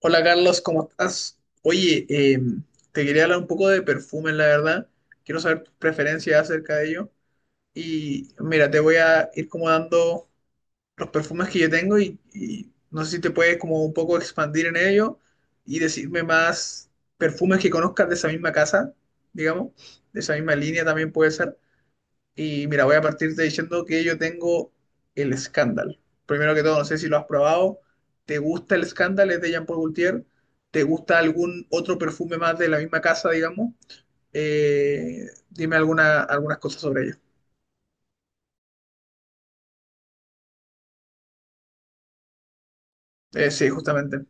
Hola Carlos, ¿cómo estás? Oye, te quería hablar un poco de perfumes, la verdad. Quiero saber tus preferencias acerca de ello. Y mira, te voy a ir como dando los perfumes que yo tengo y no sé si te puedes como un poco expandir en ello y decirme más perfumes que conozcas de esa misma casa, digamos, de esa misma línea también puede ser. Y mira, voy a partirte diciendo que yo tengo el Scandal. Primero que todo, no sé si lo has probado. ¿Te gusta el Scandal? Es de Jean Paul Gaultier. ¿Te gusta algún otro perfume más de la misma casa, digamos? Dime alguna, algunas cosas sobre ello. Sí, justamente.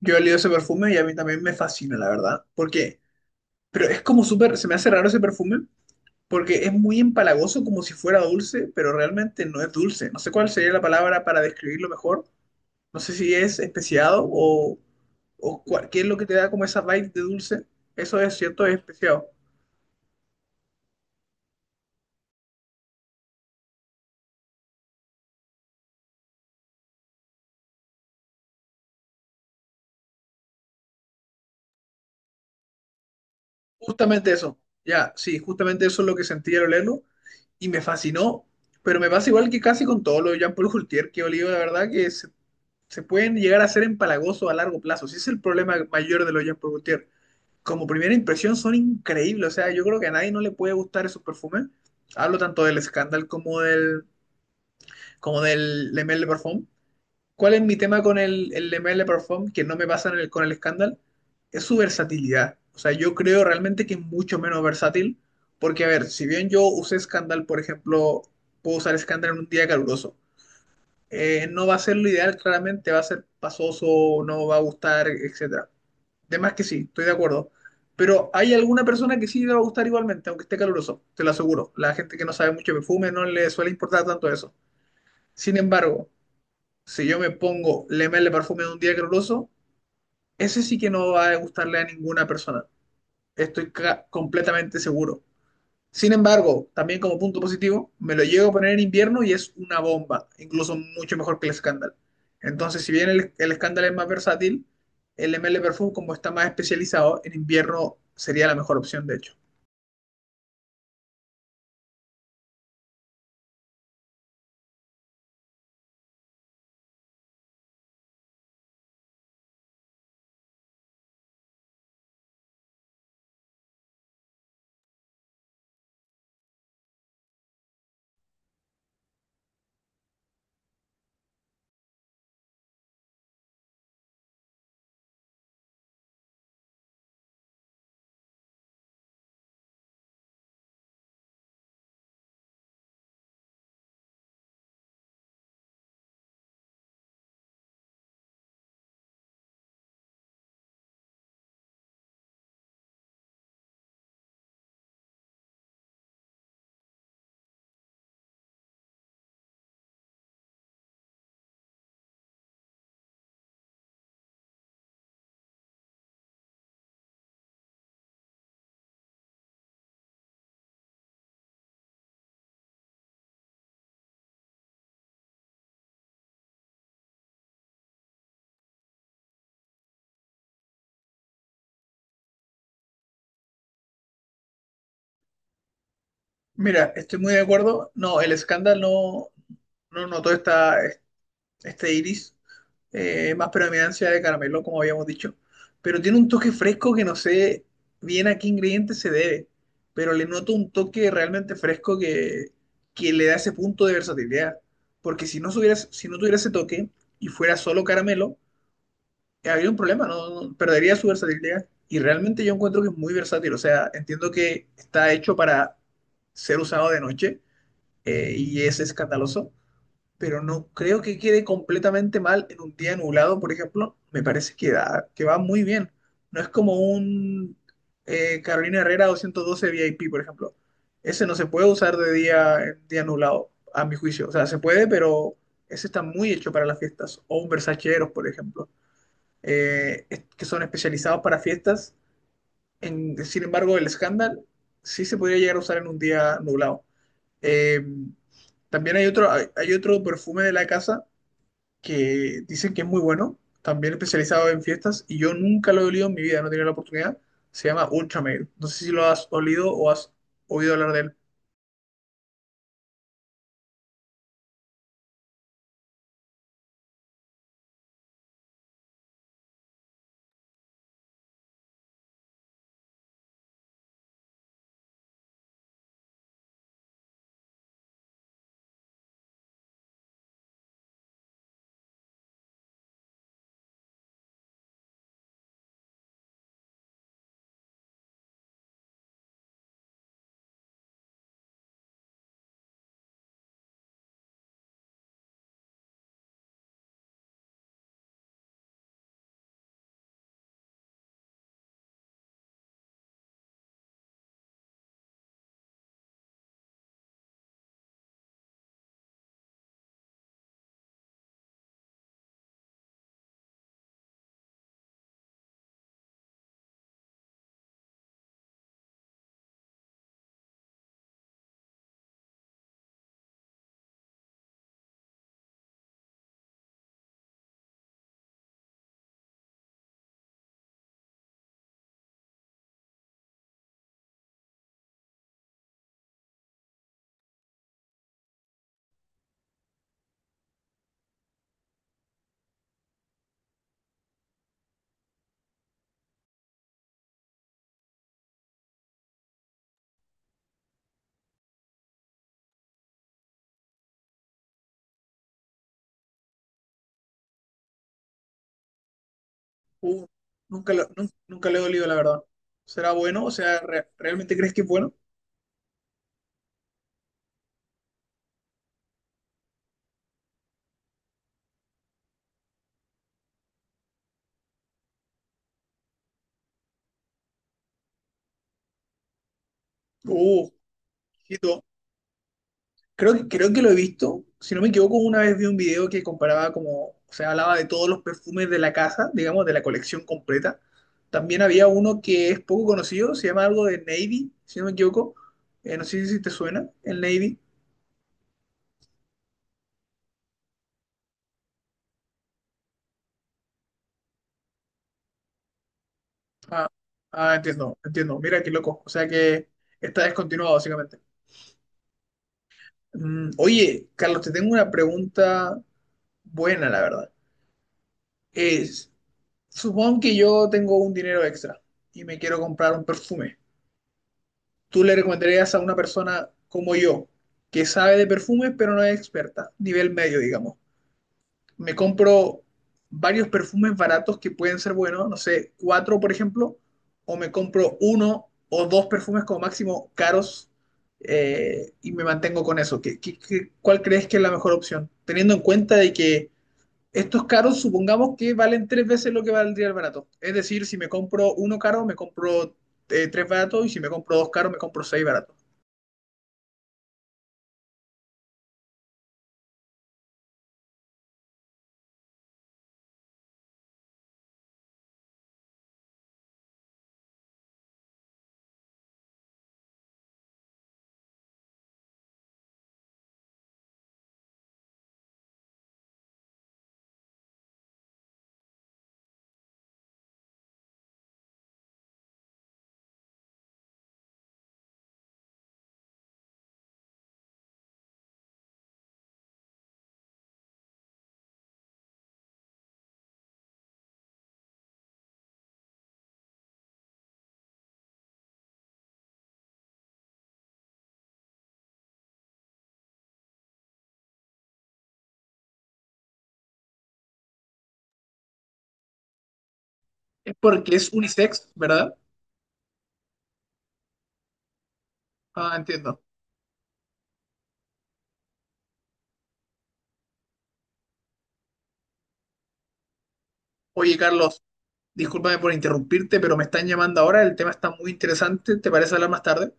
Yo he olido ese perfume y a mí también me fascina, la verdad. ¿Por qué? Pero es como súper, se me hace raro ese perfume porque es muy empalagoso como si fuera dulce, pero realmente no es dulce. No sé cuál sería la palabra para describirlo mejor. No sé si es especiado o, qué es lo que te da como esa vibe de dulce. Eso es cierto, es especiado. Justamente eso. Ya, sí, justamente eso es lo que sentí al olerlo y me fascinó. Pero me pasa igual que casi con todo lo de Jean-Paul Gaultier que he olido, la verdad se pueden llegar a ser empalagosos a largo plazo. Ese es el problema mayor de los Jean-Paul Gaultier. Como primera impresión son increíbles. O sea, yo creo que a nadie no le puede gustar esos perfumes. Hablo tanto del Scandal como del Le Male de Parfum. ¿Cuál es mi tema con el ML Perform que no me pasa con el Scandal? Es su versatilidad. O sea, yo creo realmente que es mucho menos versátil. Porque, a ver, si bien yo usé Scandal, por ejemplo, puedo usar Scandal en un día caluroso. No va a ser lo ideal, claramente, va a ser pasoso, no va a gustar, etcétera. De más que sí, estoy de acuerdo. Pero hay alguna persona que sí le va a gustar igualmente, aunque esté caluroso, te lo aseguro. La gente que no sabe mucho de perfume no le suele importar tanto eso. Sin embargo, si yo me pongo Le Male Parfume de un día caluroso, ese sí que no va a gustarle a ninguna persona. Estoy completamente seguro. Sin embargo, también como punto positivo, me lo llego a poner en invierno y es una bomba, incluso mucho mejor que el Scandal. Entonces, si bien el Scandal es más versátil, el ML Perfume, como está más especializado, en invierno sería la mejor opción, de hecho. Mira, estoy muy de acuerdo. No, el Scandal no notó esta, este iris, más predominancia de caramelo, como habíamos dicho. Pero tiene un toque fresco que no sé bien a qué ingrediente se debe, pero le noto un toque realmente fresco que le da ese punto de versatilidad. Porque si no, si no tuviera ese toque y fuera solo caramelo, habría un problema, ¿no? Perdería su versatilidad. Y realmente yo encuentro que es muy versátil. O sea, entiendo que está hecho para ser usado de noche, y es escandaloso, pero no creo que quede completamente mal en un día nublado, por ejemplo. Me parece que, que va muy bien. No es como un Carolina Herrera 212 VIP, por ejemplo. Ese no se puede usar de día en día nublado, a mi juicio. O sea, se puede, pero ese está muy hecho para las fiestas. O un Versace Eros, por ejemplo, que son especializados para fiestas. Sin embargo, el Scandal sí se podría llegar a usar en un día nublado. Eh, también hay otro, hay otro perfume de la casa que dicen que es muy bueno, también especializado en fiestas, y yo nunca lo he olido en mi vida, no he tenido la oportunidad. Se llama Ultrameal. No sé si lo has olido o has oído hablar de él. Uh, nunca nunca lo he olido, la verdad. ¿Será bueno? O sea, ¿realmente crees que es bueno? Uh, creo que, creo que lo he visto. Si no me equivoco, una vez vi un video que comparaba como, o sea, hablaba de todos los perfumes de la casa, digamos, de la colección completa. También había uno que es poco conocido, se llama algo de Navy, si no me equivoco. No sé si te suena, el Navy. Ah, ah, entiendo, entiendo. Mira qué loco. O sea que está descontinuado, básicamente. Mm, oye, Carlos, te tengo una pregunta buena, la verdad. Es, supón que yo tengo un dinero extra y me quiero comprar un perfume. ¿Tú le recomendarías a una persona como yo, que sabe de perfumes pero no es experta, nivel medio, digamos? Me compro varios perfumes baratos que pueden ser buenos, no sé, cuatro, por ejemplo, o me compro uno o dos perfumes como máximo caros, y me mantengo con eso. ¿ cuál crees que es la mejor opción? Teniendo en cuenta de que estos caros supongamos que valen tres veces lo que valdría el barato. Es decir, si me compro uno caro, me compro tres baratos, y si me compro dos caros, me compro seis baratos. Es porque es unisex, ¿verdad? Ah, entiendo. Oye, Carlos, discúlpame por interrumpirte, pero me están llamando ahora, el tema está muy interesante, ¿te parece hablar más tarde?